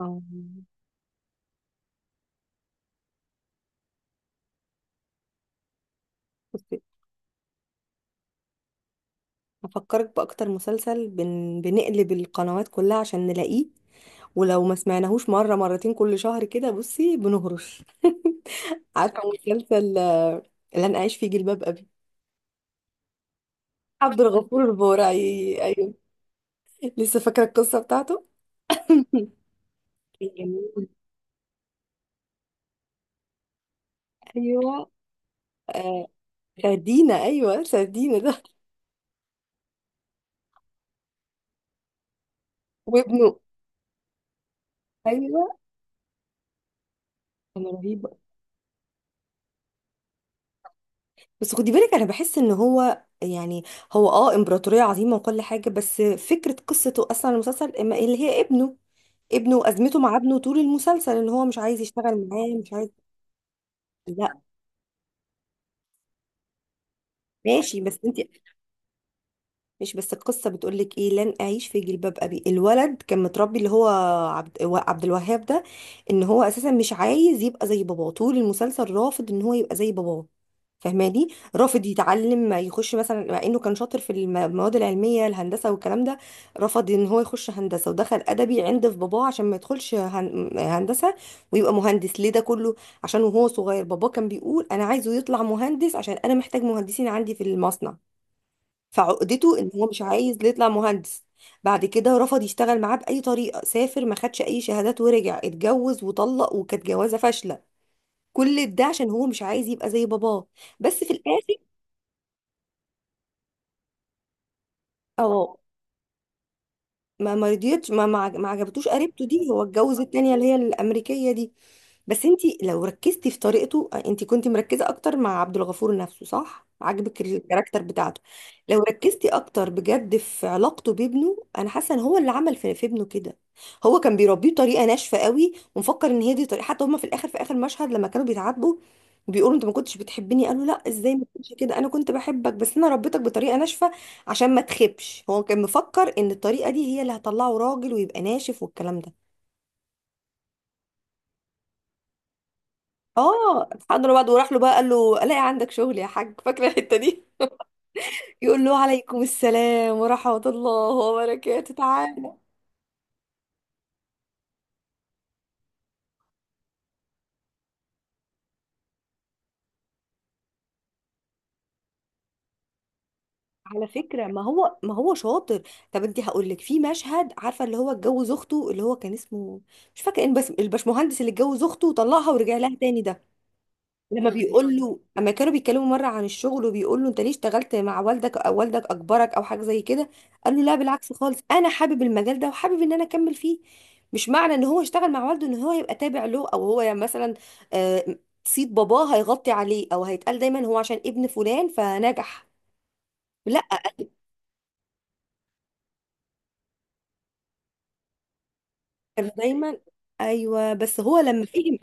اه، بصي. هفكرك بأكتر مسلسل بنقلب القنوات كلها عشان نلاقيه. ولو ما سمعناهوش مرة مرتين كل شهر كده بصي بنهرش. عارفة مسلسل، اللي أنا أعيش فيه جلباب أبي؟ عبد الغفور البرعي، أيوه. لسه فاكرة القصة بتاعته. كان جميل. أيوه، آه، سردينة، أيوه، سردينة ده. وابنه، أيوه، كان رهيب. بس خدي بالك انا بحس ان هو يعني هو امبراطورية عظيمة وكل حاجة، بس فكرة قصته اصلا المسلسل إما اللي هي ابنه وازمته مع ابنه طول المسلسل، ان هو مش عايز يشتغل معاه، مش عايز. لا ماشي، بس انت... مش بس. القصة بتقولك ايه؟ لن اعيش في جلباب ابي. الولد كان متربي، اللي هو عبد الوهاب ده، ان هو اساسا مش عايز يبقى زي باباه. طول المسلسل رافض ان هو يبقى زي باباه، فهماني؟ رافض يتعلم، ما يخش مثلا، مع انه كان شاطر في المواد العلمية، الهندسة والكلام ده. رفض ان هو يخش هندسة، ودخل ادبي عند في باباه عشان ما يدخلش هندسة ويبقى مهندس. ليه ده كله؟ عشان وهو صغير باباه كان بيقول: انا عايزه يطلع مهندس، عشان انا محتاج مهندسين عندي في المصنع. فعقدته ان هو مش عايز يطلع مهندس. بعد كده رفض يشتغل معاه بأي طريقة، سافر، ما خدش أي شهادات، ورجع اتجوز وطلق، وكانت جوازة فاشلة. كل ده عشان هو مش عايز يبقى زي باباه، بس في الآخر... اه، ما رضيتش، ما عجبتوش قريبته دي، هو اتجوز التانية اللي هي الأمريكية دي. بس انتي لو ركزتي في طريقته، انتي كنتي مركزة اكتر مع عبد الغفور نفسه، صح؟ عاجبك الكاركتر بتاعته. لو ركزتي اكتر بجد في علاقته بابنه، انا حاسة ان هو اللي عمل في ابنه كده. هو كان بيربيه بطريقة ناشفة قوي، ومفكر ان هي دي طريقة. حتى هما في الاخر، في اخر مشهد لما كانوا بيتعاتبوا، بيقولوا: انت ما كنتش بتحبني. قالوا: لا، ازاي ما كنتش كده، انا كنت بحبك، بس انا ربيتك بطريقة ناشفة عشان ما تخبش. هو كان مفكر ان الطريقه دي هي اللي هتطلعه راجل ويبقى ناشف والكلام ده. اه، حضر بعد وراح له بقى، قال له: الاقي عندك شغل يا حاج؟ فاكره الحته دي؟ يقول له: عليكم السلام ورحمه الله وبركاته، تعالى. على فكره ما هو شاطر. طب انت هقول لك، في مشهد عارفه، اللي هو اتجوز اخته، اللي هو كان اسمه... مش فاكره ان بس الباشمهندس اللي اتجوز اخته وطلقها ورجع لها تاني ده، لما بيقول له، اما كانوا بيتكلموا مره عن الشغل، وبيقول له: انت ليه اشتغلت مع والدك؟ او والدك اجبرك، او حاجه زي كده. قال له: لا بالعكس خالص، انا حابب المجال ده وحابب ان انا اكمل فيه. مش معنى ان هو اشتغل مع والده ان هو يبقى تابع له، او هو يعني مثلا آه، صيت باباه هيغطي عليه، او هيتقال دايما هو عشان ابن فلان فنجح. لا كان دايما... ايوه، بس هو لما فهم.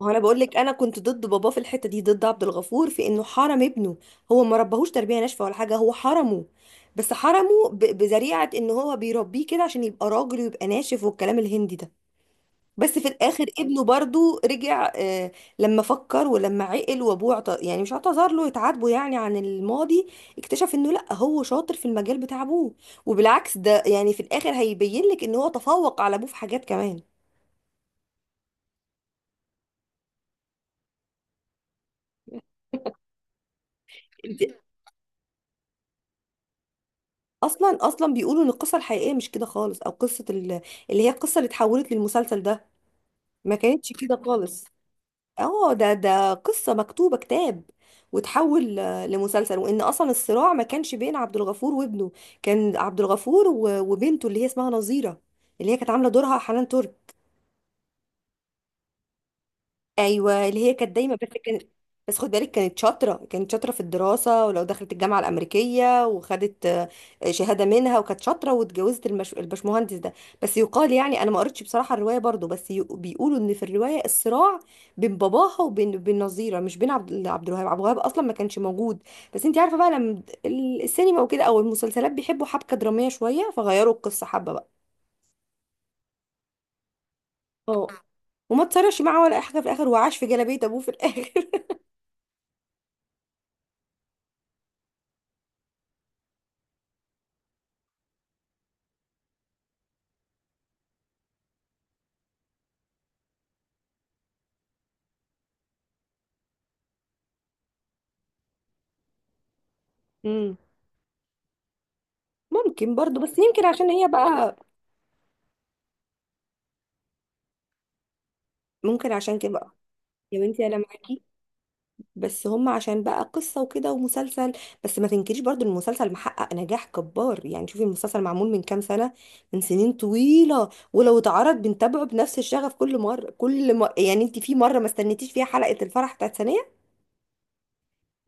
ما هو انا بقول لك، انا كنت ضد باباه في الحته دي، ضد عبد الغفور في انه حرم ابنه. هو ما ربهوش تربيه ناشفه ولا حاجه، هو حرمه. بس حرمه بذريعه ان هو بيربيه كده عشان يبقى راجل ويبقى ناشف والكلام الهندي ده. بس في الاخر ابنه برضو رجع، آه. لما فكر ولما عقل وابوه يعني مش اعتذر له، يتعاتبه يعني عن الماضي، اكتشف انه لا، هو شاطر في المجال بتاع ابوه. وبالعكس ده يعني، في الاخر هيبين لك ان هو تفوق على ابوه في حاجات كمان. اصلا اصلا بيقولوا ان القصه الحقيقيه مش كده خالص، او قصه اللي هي القصه اللي اتحولت للمسلسل ده، ما كانتش كده خالص. اه، ده قصه مكتوبه كتاب، وتحول لمسلسل. وان اصلا الصراع ما كانش بين عبد الغفور وابنه، كان عبد الغفور و- وبنته اللي هي اسمها نظيره، اللي هي كانت عامله دورها حنان ترك. ايوه، اللي هي كانت دايما بس كان... بس خد بالك كانت شاطره، كانت شاطره في الدراسه، ولو دخلت الجامعه الامريكيه وخدت شهاده منها، وكانت شاطره واتجوزت البشمهندس ده. بس يقال يعني، انا ما قريتش بصراحه الروايه برضو، بس بيقولوا ان في الروايه الصراع بين باباها وبين بين نظيره، مش بين عبد الوهاب. عبد الوهاب اصلا ما كانش موجود. بس انت عارفه بقى، لما السينما وكده او المسلسلات بيحبوا حبكه دراميه شويه، فغيروا القصه حبه بقى. اه، وما تصرفش معاه ولا أي حاجه في الاخر، وعاش في جلابيه ابوه في الاخر. امم ممكن برضو بس يمكن عشان هي بقى. ممكن عشان كده بقى. يا بنتي انا معاكي، بس هم عشان بقى قصة وكده ومسلسل. بس ما تنكريش برضو إن المسلسل محقق نجاح كبار. يعني شوفي المسلسل معمول من كام سنة، من سنين طويلة. ولو اتعرض بنتابعه بنفس الشغف كل مرة كل مرة. يعني انت في مرة ما استنيتيش فيها حلقة الفرح بتاعت ثانية؟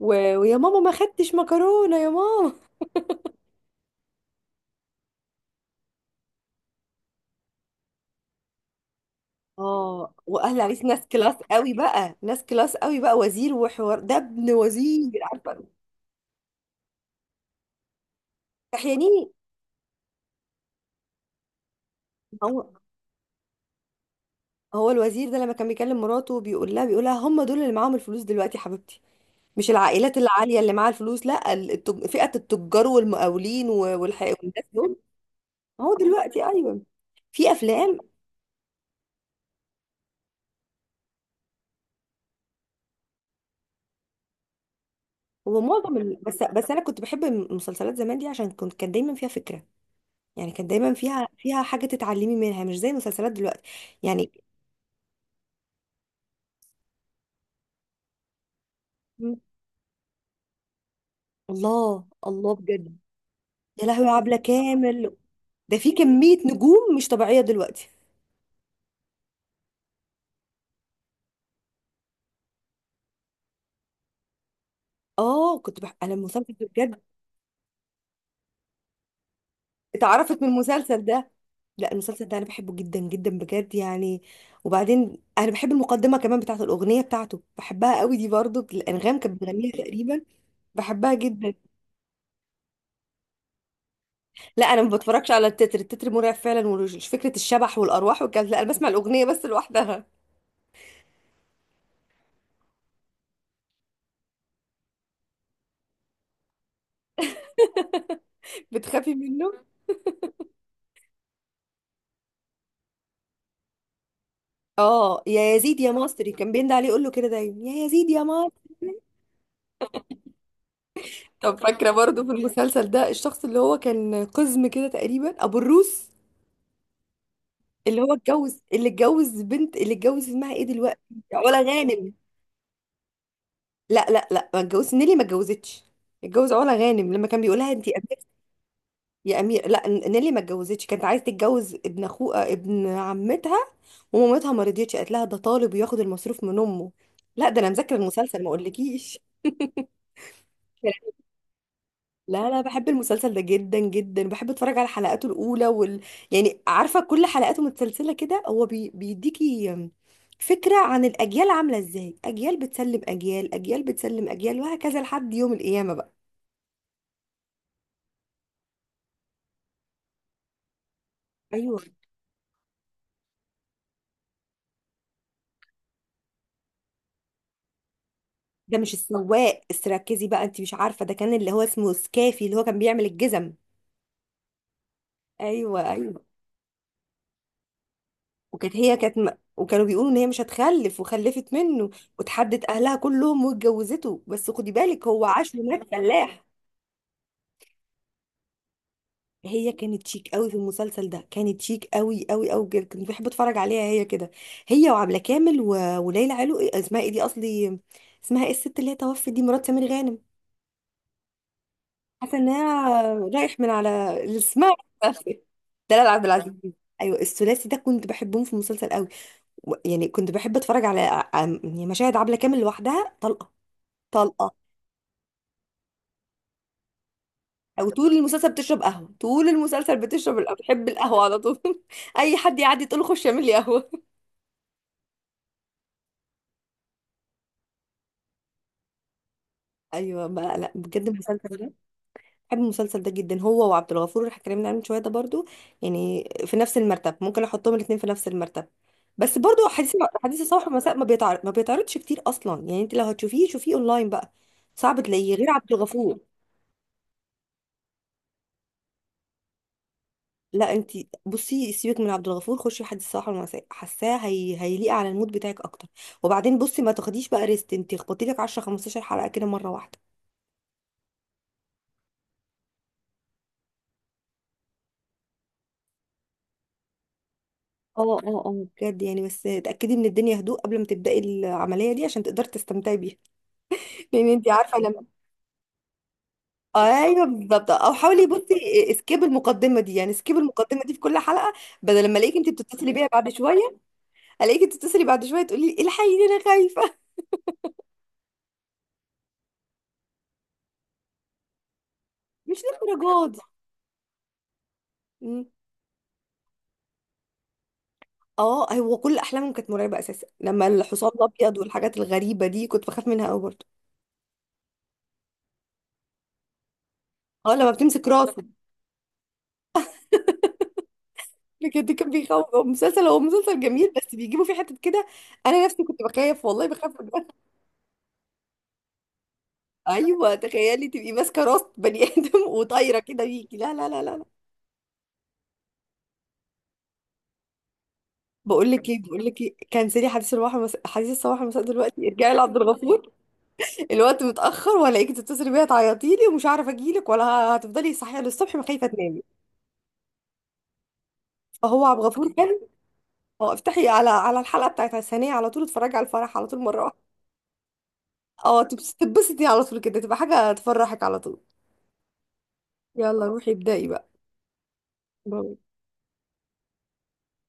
و... ويا ماما ما خدتش مكرونة يا ماما. اه، واهل عريس ناس كلاس قوي بقى، ناس كلاس قوي بقى، وزير وحوار، ده ابن وزير، عارفة؟ تحيانين. هو الوزير ده لما كان بيكلم مراته بيقول لها: هم دول اللي معاهم الفلوس دلوقتي يا حبيبتي، مش العائلات العالية اللي معاها الفلوس. لا، فئة التجار والمقاولين والناس دول. هو دلوقتي ايوه. في افلام ومعظم بس انا كنت بحب المسلسلات زمان دي، عشان كانت دايما فيها فكرة. يعني كانت دايما فيها حاجة تتعلمي منها، مش زي المسلسلات دلوقتي. يعني الله الله بجد. يا لهوي، يا عبلة كامل، ده في كمية نجوم مش طبيعية دلوقتي. اه، كنت انا المسلسل ده بجد اتعرفت من المسلسل ده. لا، المسلسل ده انا بحبه جدا جدا بجد يعني. وبعدين انا بحب المقدمه كمان بتاعت الاغنيه بتاعته، بحبها قوي دي برضو. الانغام كانت بتغنيها تقريبا. بحبها جدا. لا انا ما بتفرجش على التتر. التتر مرعب فعلا، وفكره الشبح والارواح والكلام ده، لا انا بسمع الاغنيه بس لوحدها. بتخافي منه؟ اه، يا يزيد يا مصري كان بينده عليه، يقول له كده دايما: يا يزيد يا مصري. طب فاكره برضو في المسلسل ده الشخص اللي هو كان قزم كده تقريبا، ابو الروس، اللي اتجوز بنت اللي اتجوز اسمها ايه دلوقتي؟ علا غانم. لا لا لا، ما اتجوزش نيلي، ما اتجوزتش. اتجوز علا غانم، لما كان بيقول لها: انت يا امير، يا امير. لا، نيلي ما اتجوزتش، كانت عايزه تتجوز ابن اخوها، ابن عمتها، ومامتها ما رضيتش، قالت لها: ده طالب وياخد المصروف من امه. لا ده انا مذاكره المسلسل، ما اقولكيش. لا لا، بحب المسلسل ده جدا جدا، بحب اتفرج على حلقاته الاولى. يعني عارفه كل حلقاته متسلسله كده، هو بيديكي فكره عن الاجيال عامله ازاي. اجيال بتسلم اجيال، اجيال بتسلم اجيال، وهكذا لحد يوم القيامه بقى. ايوه، ده مش السواق، بس ركزي بقى انت مش عارفه، ده كان اللي هو اسمه سكافي، اللي هو كان بيعمل الجزم. ايوه ايوه. وكانت هي كانت م... وكانوا بيقولوا ان هي مش هتخلف وخلفت منه، وتحدت اهلها كلهم واتجوزته، بس خدي بالك هو عاش هناك فلاح. هي كانت شيك قوي في المسلسل ده، كانت شيك قوي قوي قوي بجد، كنت بحب اتفرج عليها هي كده، هي وعبلة كامل و... وليلى علو، إيه اسمها ايه دي اصلي؟ اسمها ايه الست اللي هي توفت دي، مرات سمير غانم؟ حاسه انها رايح من على اسمها. دلال عبد العزيز، ايوه. الثلاثي ده كنت بحبهم في المسلسل قوي. يعني كنت بحب اتفرج على يعني مشاهد عبلة كامل لوحدها طلقه، طلقه. او طول المسلسل بتشرب قهوه، طول المسلسل بتشرب القهوة، بتحب القهوه على طول. اي حد يعدي تقول له: خش اعمل لي قهوه. ايوه بقى. لا بجد المسلسل ده، بحب المسلسل ده جدا، هو وعبد الغفور اللي اتكلمنا عنه من شويه ده برضو، يعني في نفس المرتب، ممكن احطهم الاثنين في نفس المرتب. بس برضو حديث الصباح والمساء ما بيتعرضش كتير اصلا. يعني انت لو هتشوفيه شوفيه اونلاين بقى، صعب تلاقيه، غير عبد الغفور. لا انت بصي، سيبك من عبد الغفور، خشي حديث الصباح والمساء، حاساه هيليق على المود بتاعك اكتر. وبعدين بصي ما تاخديش بقى ريست، انت اخبطي لك 10 15 حلقه كده مره واحده. اه اه اه، بجد يعني. بس تأكدي من الدنيا هدوء قبل ما تبدأي العملية دي، عشان تقدري تستمتعي بيها. لأن انت عارفة لما... ايوه بالظبط. او حاولي بصي سكيب المقدمة دي، يعني سكيب المقدمة دي في كل حلقة، بدل لما الاقيك انت بتتصلي بيها بعد شوية، الاقيك تتصلي بعد شوية تقولي لي: الحقيني انا خايفة. مش للدرجة دي. مم. اه، هو كل احلامهم كانت مرعبة اساسا، لما الحصان الابيض والحاجات الغريبة دي كنت بخاف منها قوي برضه. اه، لما بتمسك راس بجد كان بيخوف. هو مسلسل جميل، بس بيجيبوا فيه حتت كده. انا نفسي كنت بخاف والله، بخاف بجد. ايوه، تخيلي تبقي ماسكه راس بني ادم وطايره كده بيكي. لا لا لا لا لا. بقول لك ايه، بقول لك ايه، كنسلي حديث الصباح مساء دلوقتي، ارجعي لعبد الغفور. الوقت متاخر، وهلاقيكي تتصلي بيا تعيطي لي ومش عارفه اجي لك ولا، هتفضلي صحيه للصبح ما خايفه تنامي. فهو عبد الغفور كان... اه، افتحي على الحلقه بتاعت الثانيه على طول، اتفرجي على الفرح على طول مره واحده. اه، تتبسطي على طول كده، تبقى حاجه تفرحك على طول. يلا روحي ابدأي بقى. باي.